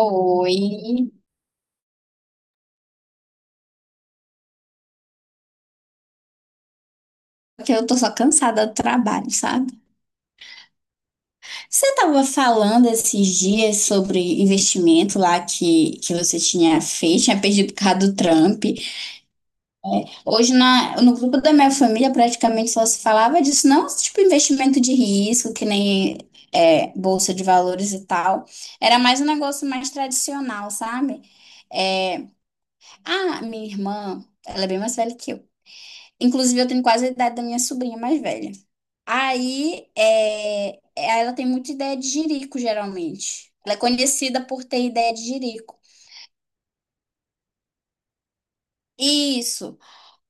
Oi, porque eu tô só cansada do trabalho, sabe? Você tava falando esses dias sobre investimento lá que você tinha feito, tinha perdido por causa do Trump. Hoje no grupo da minha família praticamente só se falava disso, não tipo investimento de risco, que nem é, bolsa de valores e tal. Era mais um negócio mais tradicional, sabe? É, ah, minha irmã, ela é bem mais velha que eu. Inclusive, eu tenho quase a idade da minha sobrinha mais velha. Aí, é, ela tem muita ideia de jirico, geralmente. Ela é conhecida por ter ideia de jirico. Isso.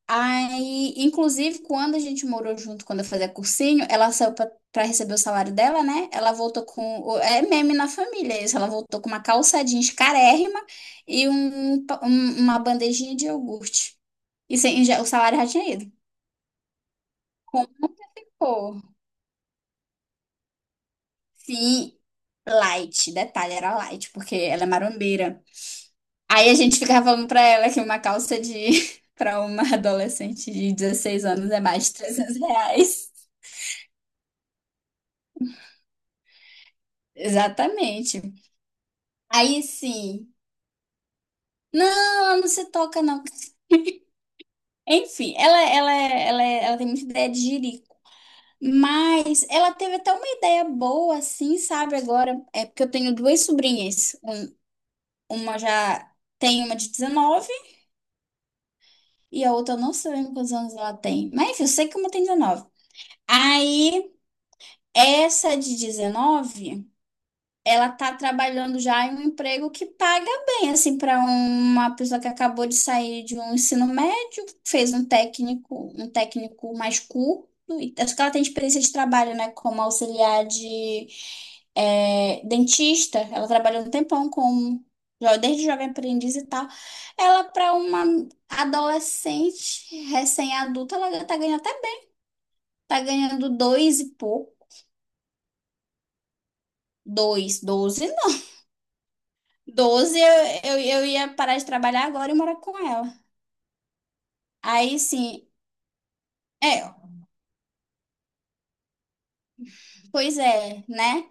Aí, inclusive, quando a gente morou junto, quando eu fazia cursinho, ela saiu pra receber o salário dela, né? Ela voltou É meme na família isso. Ela voltou com uma calça jeans carérrima e uma bandejinha de iogurte. E sem, já- o salário já tinha ido. Como? Pô. Sim, light. Detalhe, era light, porque ela é marombeira. Aí a gente ficava falando pra ela que uma calça de para uma adolescente de 16 anos é mais de R$ 300. Exatamente. Aí sim. Não, ela não se toca, não. Enfim, ela tem muita ideia de jirico. Mas ela teve até uma ideia boa, assim, sabe? Agora, é porque eu tenho duas sobrinhas. Uma já tem uma de 19 e a outra eu não sei quantos anos ela tem. Mas enfim, eu sei que uma tem 19. Aí, essa de 19, ela tá trabalhando já em um emprego que paga bem, assim, para uma pessoa que acabou de sair de um ensino médio, fez um técnico mais curto, e acho que ela tem experiência de trabalho, né, como auxiliar de dentista. Ela trabalhou um tempão como desde jovem aprendiz e tal, ela para uma adolescente recém-adulta, ela tá ganhando até bem, tá ganhando dois e pouco, dois, doze. Doze eu ia parar de trabalhar agora e morar com ela. Aí, sim, é, pois é, né?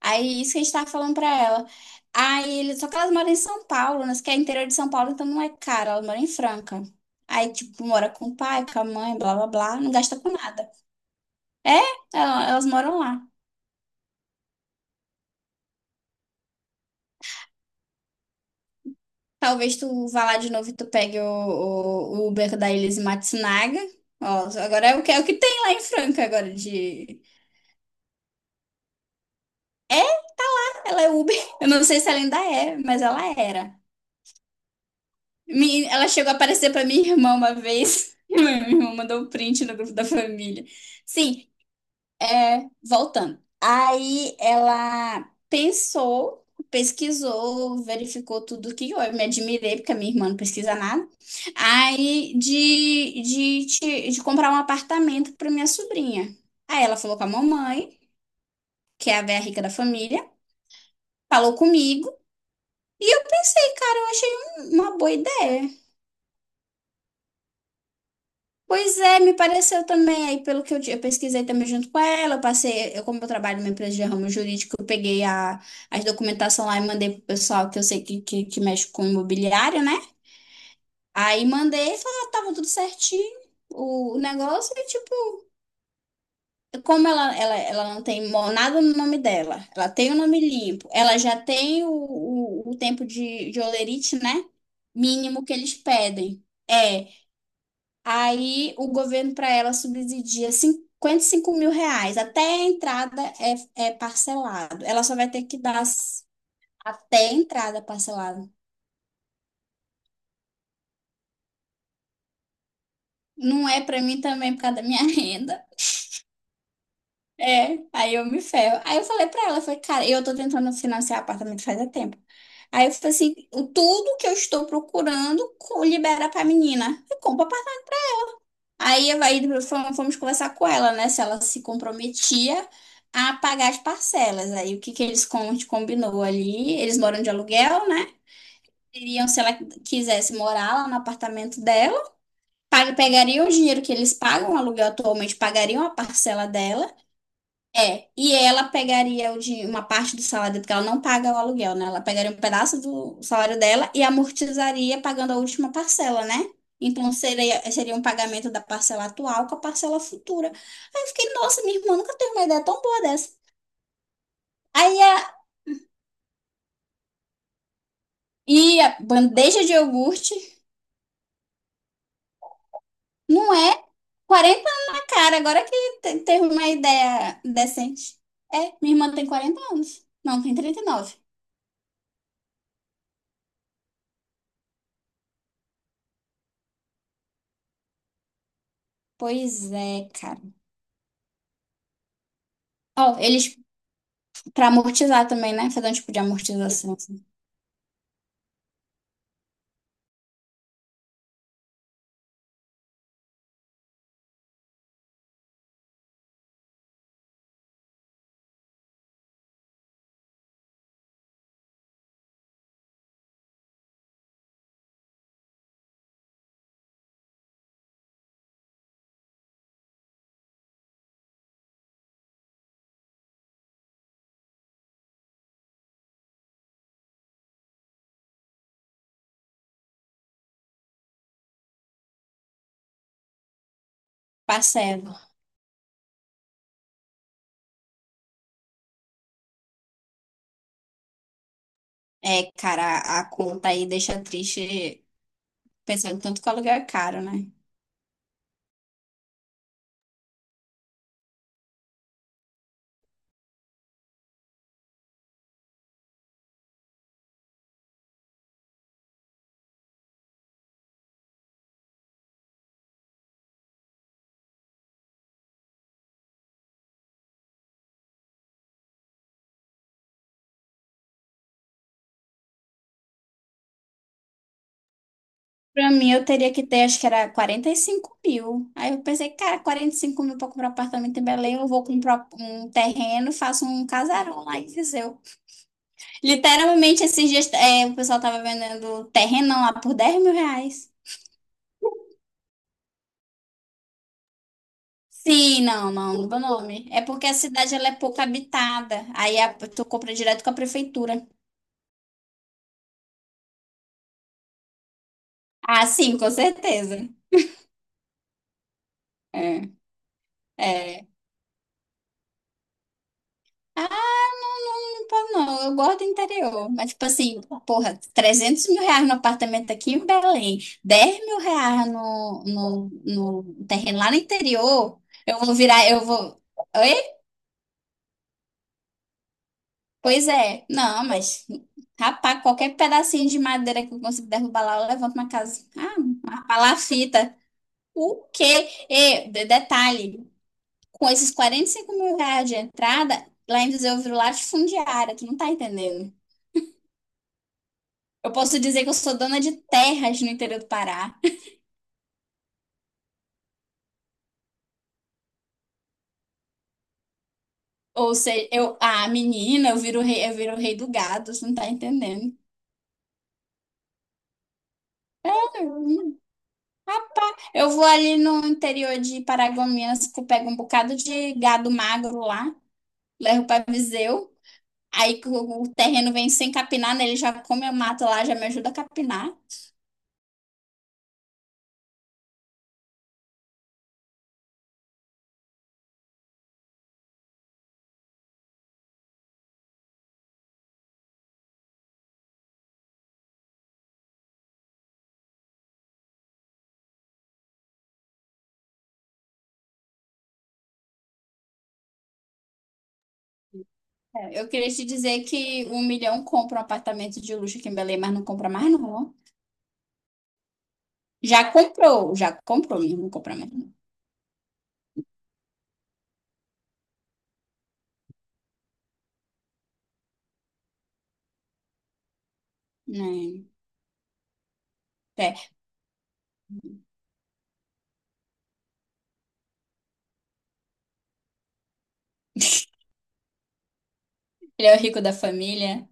Aí, isso que a gente tava falando pra ela. Aí, só que elas moram em São Paulo, né? Que é interior de São Paulo, então não é caro, elas moram em Franca. Aí, tipo, mora com o pai, com a mãe, blá, blá, blá, não gasta com nada. É, elas moram lá. Talvez tu vá lá de novo e tu pegue o Uber da Elise Matsunaga. Ó, agora é o que tem lá em Franca agora de. Ela é Uber. Eu não sei se ela ainda é, mas ela era. Ela chegou a aparecer pra minha irmã uma vez. Minha irmã mandou um print no grupo da família. Sim, voltando. Aí ela pensou, pesquisou, verificou tudo que eu me admirei, porque a minha irmã não pesquisa nada. Aí de comprar um apartamento pra minha sobrinha. Aí ela falou com a mamãe, que é a velha rica da família, falou comigo. E eu pensei, cara, eu achei uma boa ideia. Pois é, me pareceu também. Aí, pelo que eu pesquisei também junto com ela, eu passei, eu, como eu trabalho numa empresa de ramo jurídico, eu peguei as documentação lá e mandei pro pessoal que eu sei que mexe com imobiliário, né? Aí mandei e falou, ah, tava tudo certinho. O negócio e tipo, como ela não tem nada no nome dela, ela tem o nome limpo, ela já tem o tempo de holerite, né? Mínimo que eles pedem. É. Aí o governo para ela subsidia R$ 55 mil. Até a entrada é parcelado. Ela só vai ter que dar até a entrada parcelado. Não é para mim também por causa da minha renda. É, aí eu me ferro. Aí eu falei para ela, eu falei, cara, eu tô tentando financiar apartamento faz há tempo. Aí eu falei assim, tudo que eu estou procurando libera pra menina. Eu compro. Aí, fomos conversar com ela, né? Se ela se comprometia a pagar as parcelas. Aí o que que a gente combinou ali? Eles moram de aluguel, né? Iriam, se ela quisesse morar lá no apartamento dela, pegariam o dinheiro que eles pagam, o aluguel atualmente, pagariam a parcela dela. É, e ela pegaria uma parte do salário, porque ela não paga o aluguel, né? Ela pegaria um pedaço do salário dela e amortizaria pagando a última parcela, né? Então seria um pagamento da parcela atual com a parcela futura. Aí eu fiquei, nossa, minha irmã nunca teve uma ideia tão boa dessa. Aí a, e a bandeja de iogurte não é 40 anos na cara, agora que teve uma ideia decente. É, minha irmã tem 40 anos. Não, tem 39. Pois é, cara. Ó, eles. Pra amortizar também, né? Fazer um tipo de amortização, assim. Parcelo. É, cara, a conta aí deixa triste pensando tanto que o aluguel é caro, né? Pra mim, eu teria que ter, acho que era 45 mil. Aí eu pensei, cara, 45 mil pra comprar apartamento em Belém, eu vou comprar um terreno, faço um casarão lá em Viseu. Literalmente, esses dias, o pessoal tava vendendo terrenão lá por R$ 10 mil. Sim, não, não, do meu nome. É porque a cidade ela é pouco habitada. Aí tu compra direto com a prefeitura. Ah, sim, com certeza. É, é. Ah, não, não, não, não, eu gosto do interior. Mas, tipo assim, porra, R$ 300 mil no apartamento aqui em Belém, R$ 10 mil no terreno lá no interior, eu vou virar, eu vou. Oi? Pois é. Não, mas, rapaz, qualquer pedacinho de madeira que eu consigo derrubar lá, eu levanto uma casa. Ah, uma palafita. O quê? E, detalhe, com esses 45 mil reais de entrada, lá em Viseu eu viro latifundiária, tu não tá entendendo. Eu posso dizer que eu sou dona de terras no interior do Pará. Ou seja, eu, ah, menina, eu viro rei do gado, você não tá entendendo. Eu vou ali no interior de Paragominas, que eu pego um bocado de gado magro lá, levo pra Viseu. Aí que o terreno vem sem capinar, né? Ele já come a mato lá, já me ajuda a capinar. É, eu queria te dizer que 1 milhão compra um apartamento de luxo aqui em Belém, mas não compra mais, não. Ó. Já comprou, mesmo, não compra mais, não. Né? É. Ele é o rico da família.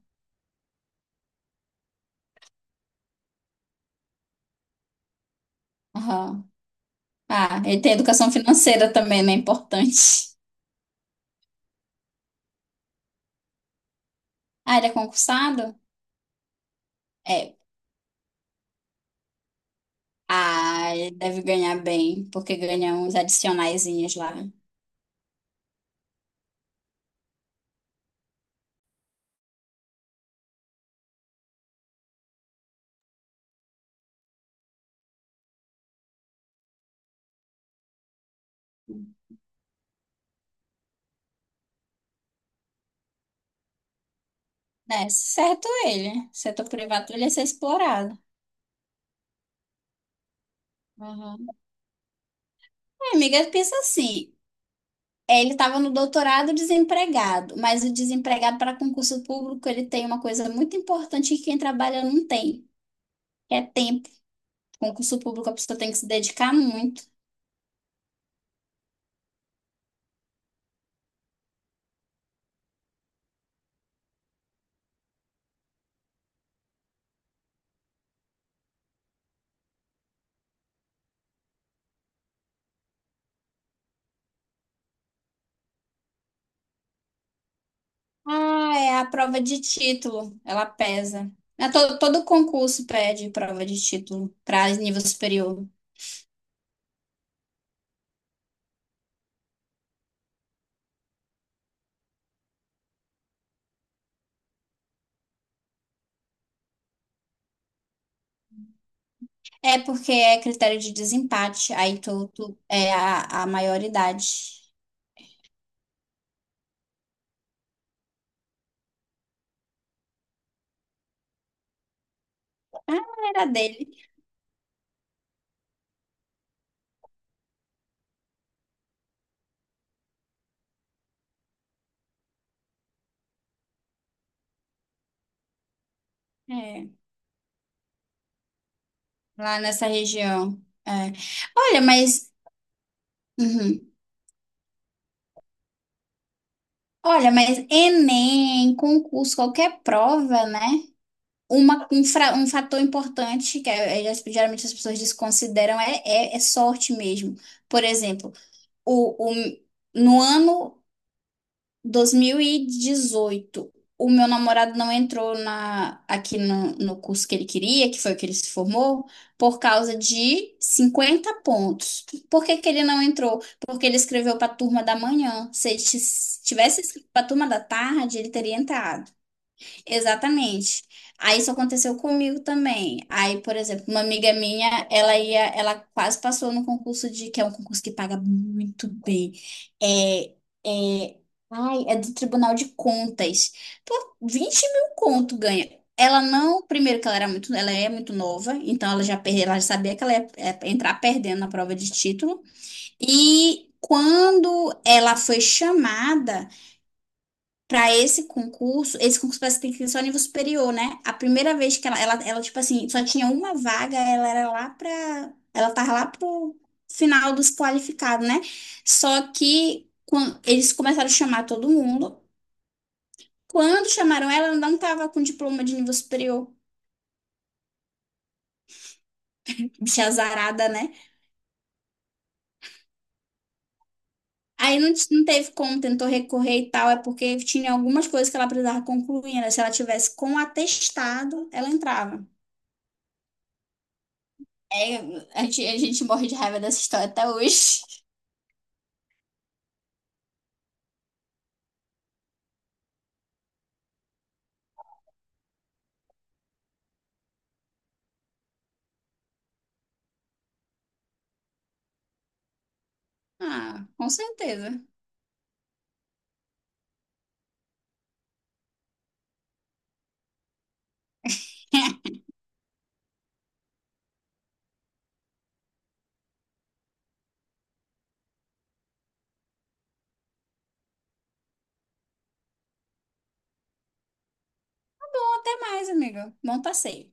Aham. Ah, ele tem educação financeira também, né? Importante. Ah, ele é concursado? É. Ah, ele deve ganhar bem, porque ganha uns adicionaizinhos lá. É, certo ele. Setor privado ele ia ser explorado. Aham. É, amiga, pensa assim. É, ele estava no doutorado desempregado, mas o desempregado para concurso público, ele tem uma coisa muito importante que quem trabalha não tem, que é tempo. Concurso público, a pessoa tem que se dedicar muito. Ah, é a prova de título, ela pesa. É, todo concurso pede prova de título para nível superior. É porque é critério de desempate, aí tu é a maioridade. Ah, era dele. É, lá nessa região. É. Olha, mas. Uhum. Olha, mas Enem, concurso, qualquer prova, né? Um, um fator importante que geralmente as pessoas desconsideram é sorte mesmo. Por exemplo, o, o, no ano 2018, o meu namorado não entrou aqui no curso que ele queria, que foi o que ele se formou, por causa de 50 pontos. Por que que ele não entrou? Porque ele escreveu para a turma da manhã. Se ele tivesse escrito para a turma da tarde, ele teria entrado. Exatamente. Aí isso aconteceu comigo também. Aí, por exemplo, uma amiga minha, ela quase passou no concurso de, que é um concurso que paga muito bem. É, é, ai, é do Tribunal de Contas. Pô, 20 mil conto ganha. Ela não, primeiro que ela era muito, ela é muito nova, então ela já perdeu, ela já sabia que ela ia, entrar perdendo na prova de título. E quando ela foi chamada para esse concurso parece que tem que ser só nível superior, né? A primeira vez que ela, tipo assim, só tinha uma vaga, ela era lá pra. Ela tava lá pro final dos qualificados, né? Só que eles começaram a chamar todo mundo. Quando chamaram ela, ela não tava com diploma de nível superior. Bicha azarada, né? Aí não, não teve como, tentou recorrer e tal, é porque tinha algumas coisas que ela precisava concluir, né? Se ela tivesse com atestado, ela entrava. É, a gente morre de raiva dessa história até hoje. Ah, com certeza. Tá bom, até mais, amigo. Bom passeio.